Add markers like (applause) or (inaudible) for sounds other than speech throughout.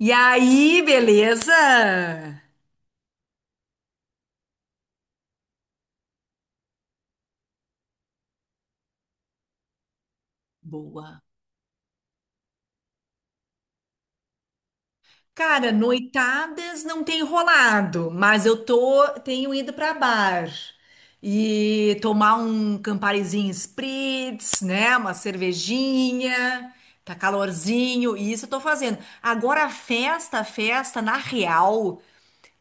E aí, beleza? Boa. Cara, noitadas não tem rolado, mas tenho ido pra bar e tomar um Camparizinho Spritz, né? Uma cervejinha, tá calorzinho, e isso eu tô fazendo. Agora, festa, festa, na real,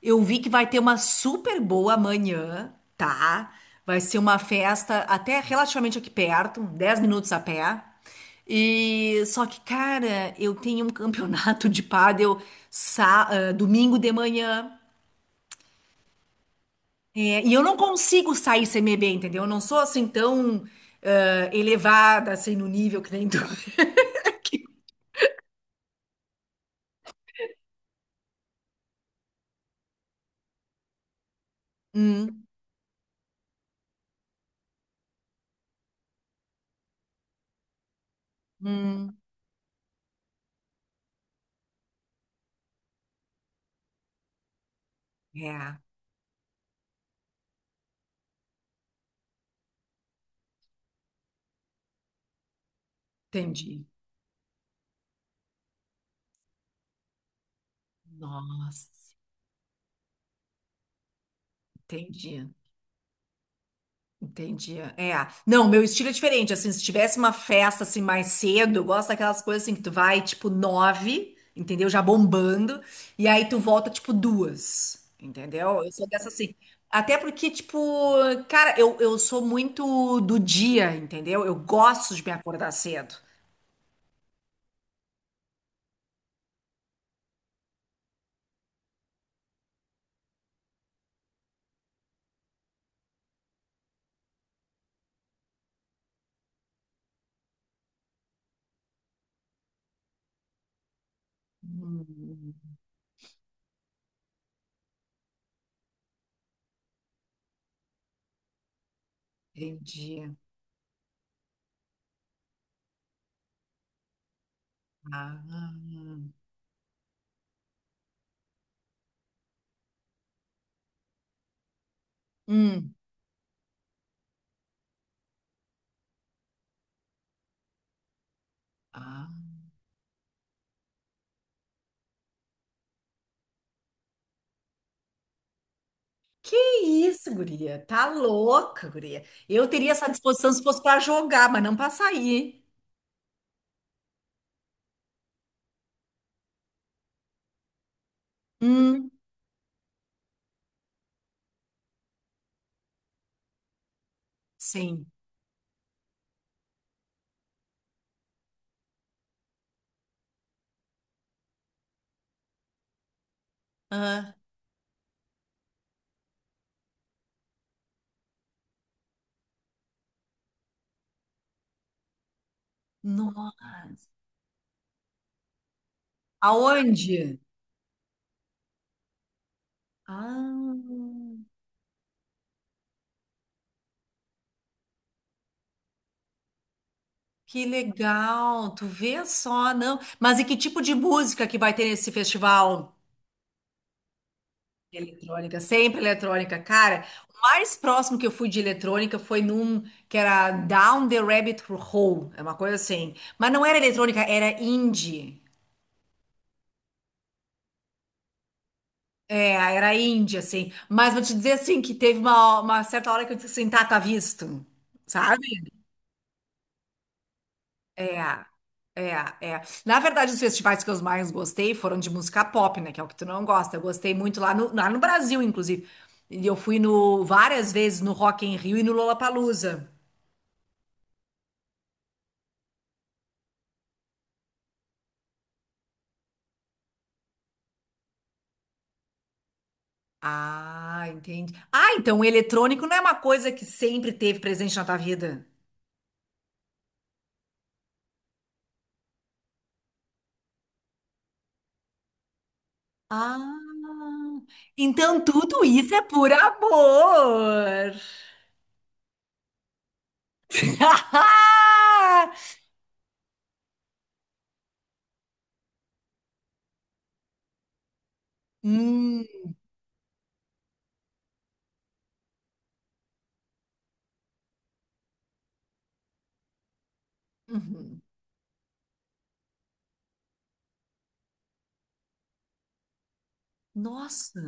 eu vi que vai ter uma super boa amanhã, tá? Vai ser uma festa até relativamente aqui perto, 10 minutos a pé. E só que, cara, eu tenho um campeonato de pádel domingo de manhã. É, e eu não consigo sair sem beber, entendeu? Eu não sou assim tão elevada assim no nível que nem tu. (laughs) Hum, hum, é, entendi. Nossa, entendi. Entendi. É. Não, meu estilo é diferente. Assim, se tivesse uma festa assim mais cedo, eu gosto daquelas coisas assim que tu vai tipo nove, entendeu? Já bombando, e aí tu volta tipo duas, entendeu? Eu sou dessa assim. Até porque, tipo, cara, eu sou muito do dia, entendeu? Eu gosto de me acordar cedo. Hum, entendi. Ah. Hum. Ah. Que isso, guria? Tá louca, guria. Eu teria essa disposição se fosse pra jogar, mas não pra sair. Hum, sim. Ah, nossa. Aonde? Ah, que legal. Tu vê só, não. Mas e que tipo de música que vai ter nesse festival? Eletrônica, sempre eletrônica, cara. O mais próximo que eu fui de eletrônica foi num que era Down the Rabbit Hole, é uma coisa assim. Mas não era eletrônica, era indie. É, era índia, assim. Mas vou te dizer, assim, que teve uma certa hora que eu disse assim, tá, tá visto, sabe? É, é, é. Na verdade, os festivais que eu mais gostei foram de música pop, né? Que é o que tu não gosta. Eu gostei muito lá no Brasil, inclusive. E eu fui no, várias vezes no Rock in Rio e no Lollapalooza. Ah, entendi. Ah, então o eletrônico não é uma coisa que sempre teve presente na tua vida? Ah, então tudo isso é por amor. (laughs) Hum, uhum. Nossa.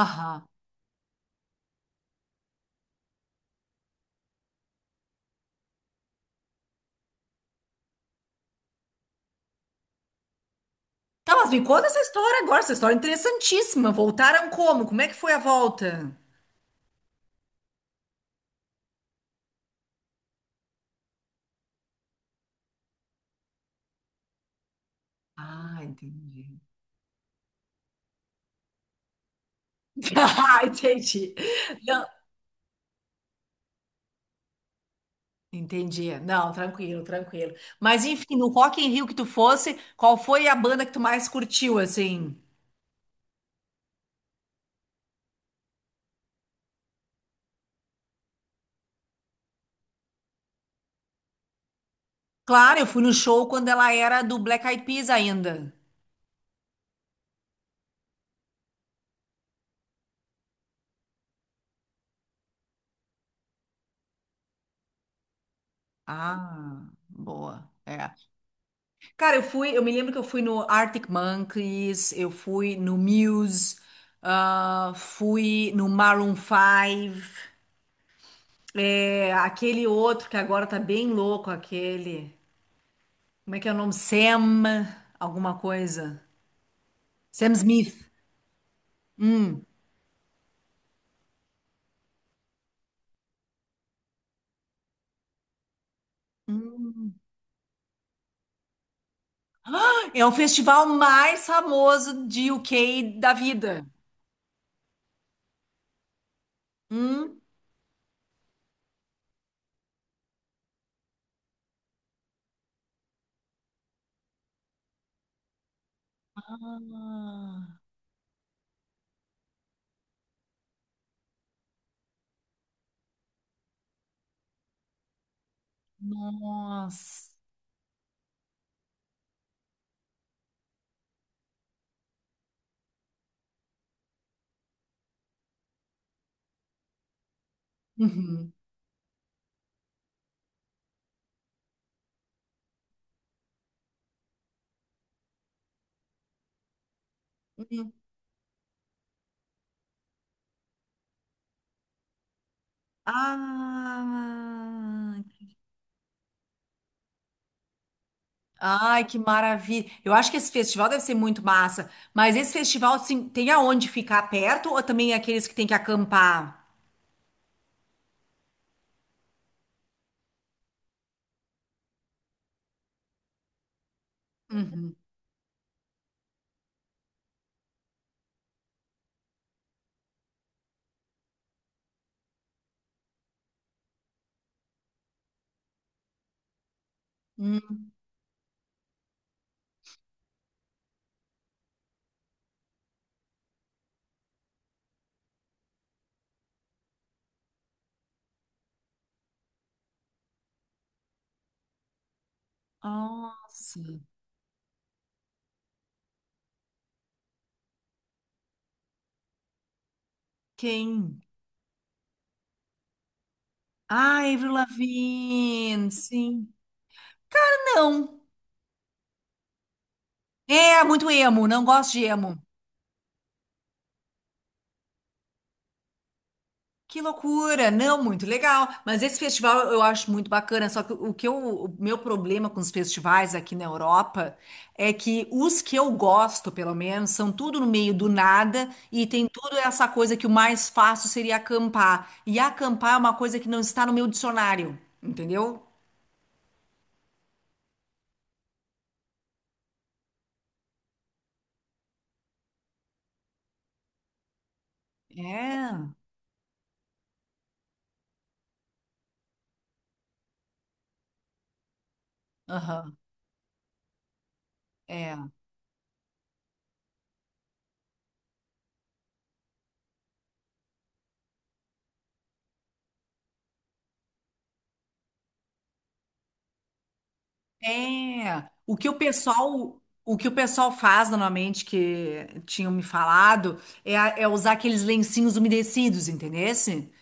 Aham. Tá, mas me conta essa história agora. Essa história é interessantíssima. Voltaram como? Como é que foi a volta? Ah, entendi. (laughs) Ah, entendi. Não, entendi. Não, tranquilo, tranquilo. Mas enfim, no Rock in Rio que tu fosse, qual foi a banda que tu mais curtiu, assim? Claro, eu fui no show quando ela era do Black Eyed Peas ainda. Ah, boa. É. Cara, eu fui, eu me lembro que eu fui no Arctic Monkeys, eu fui no Muse, ah, fui no Maroon 5, é, aquele outro que agora tá bem louco, aquele. Como é que é o nome? Sam, alguma coisa. Sam Smith. É o festival mais famoso de UK da vida. Hum? Ah, nossa. Uhum. Uhum. Ah, ai, que maravilha. Eu acho que esse festival deve ser muito massa. Mas esse festival, assim, tem aonde ficar perto ou também é aqueles que tem que acampar? Uhum. Hum, nossa. Quem? Ah, Avril Lavigne, sim. Não. É, muito emo, não gosto de emo. Que loucura! Não, muito legal. Mas esse festival eu acho muito bacana. Só que o que eu, o meu problema com os festivais aqui na Europa é que os que eu gosto, pelo menos, são tudo no meio do nada e tem tudo essa coisa que o mais fácil seria acampar. E acampar é uma coisa que não está no meu dicionário, entendeu? É. Aham. É. É, o que o pessoal faz normalmente que tinham me falado é, é usar aqueles lencinhos umedecidos, entendesse?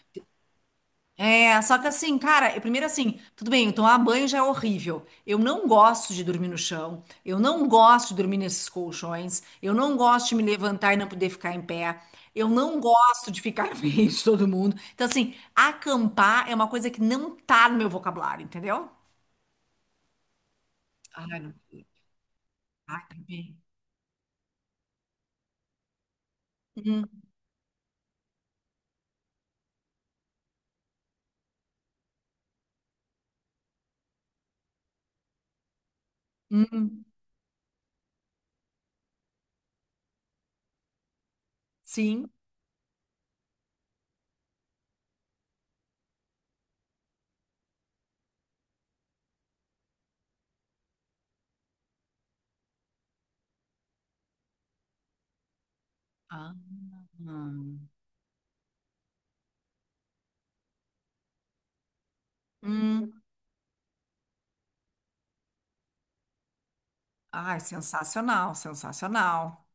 É, só que assim, cara, eu- primeiro assim, tudo bem, eu tomar banho já é horrível. Eu não gosto de dormir no chão, eu não gosto de dormir nesses colchões, eu não gosto de me levantar e não poder ficar em pé, eu não gosto de ficar (laughs) em frente de todo mundo. Então, assim, acampar é uma coisa que não tá no meu vocabulário, entendeu? Ai, não. Ai, tá bem. Sim. Ah. Hum. Ai, sensacional, sensacional.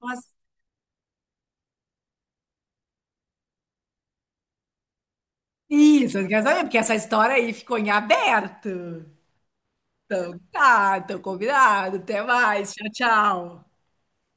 Mas- Isso, eu quero saber, porque essa história aí ficou em aberto. Então tá, então combinado. Até mais. Tchau, tchau.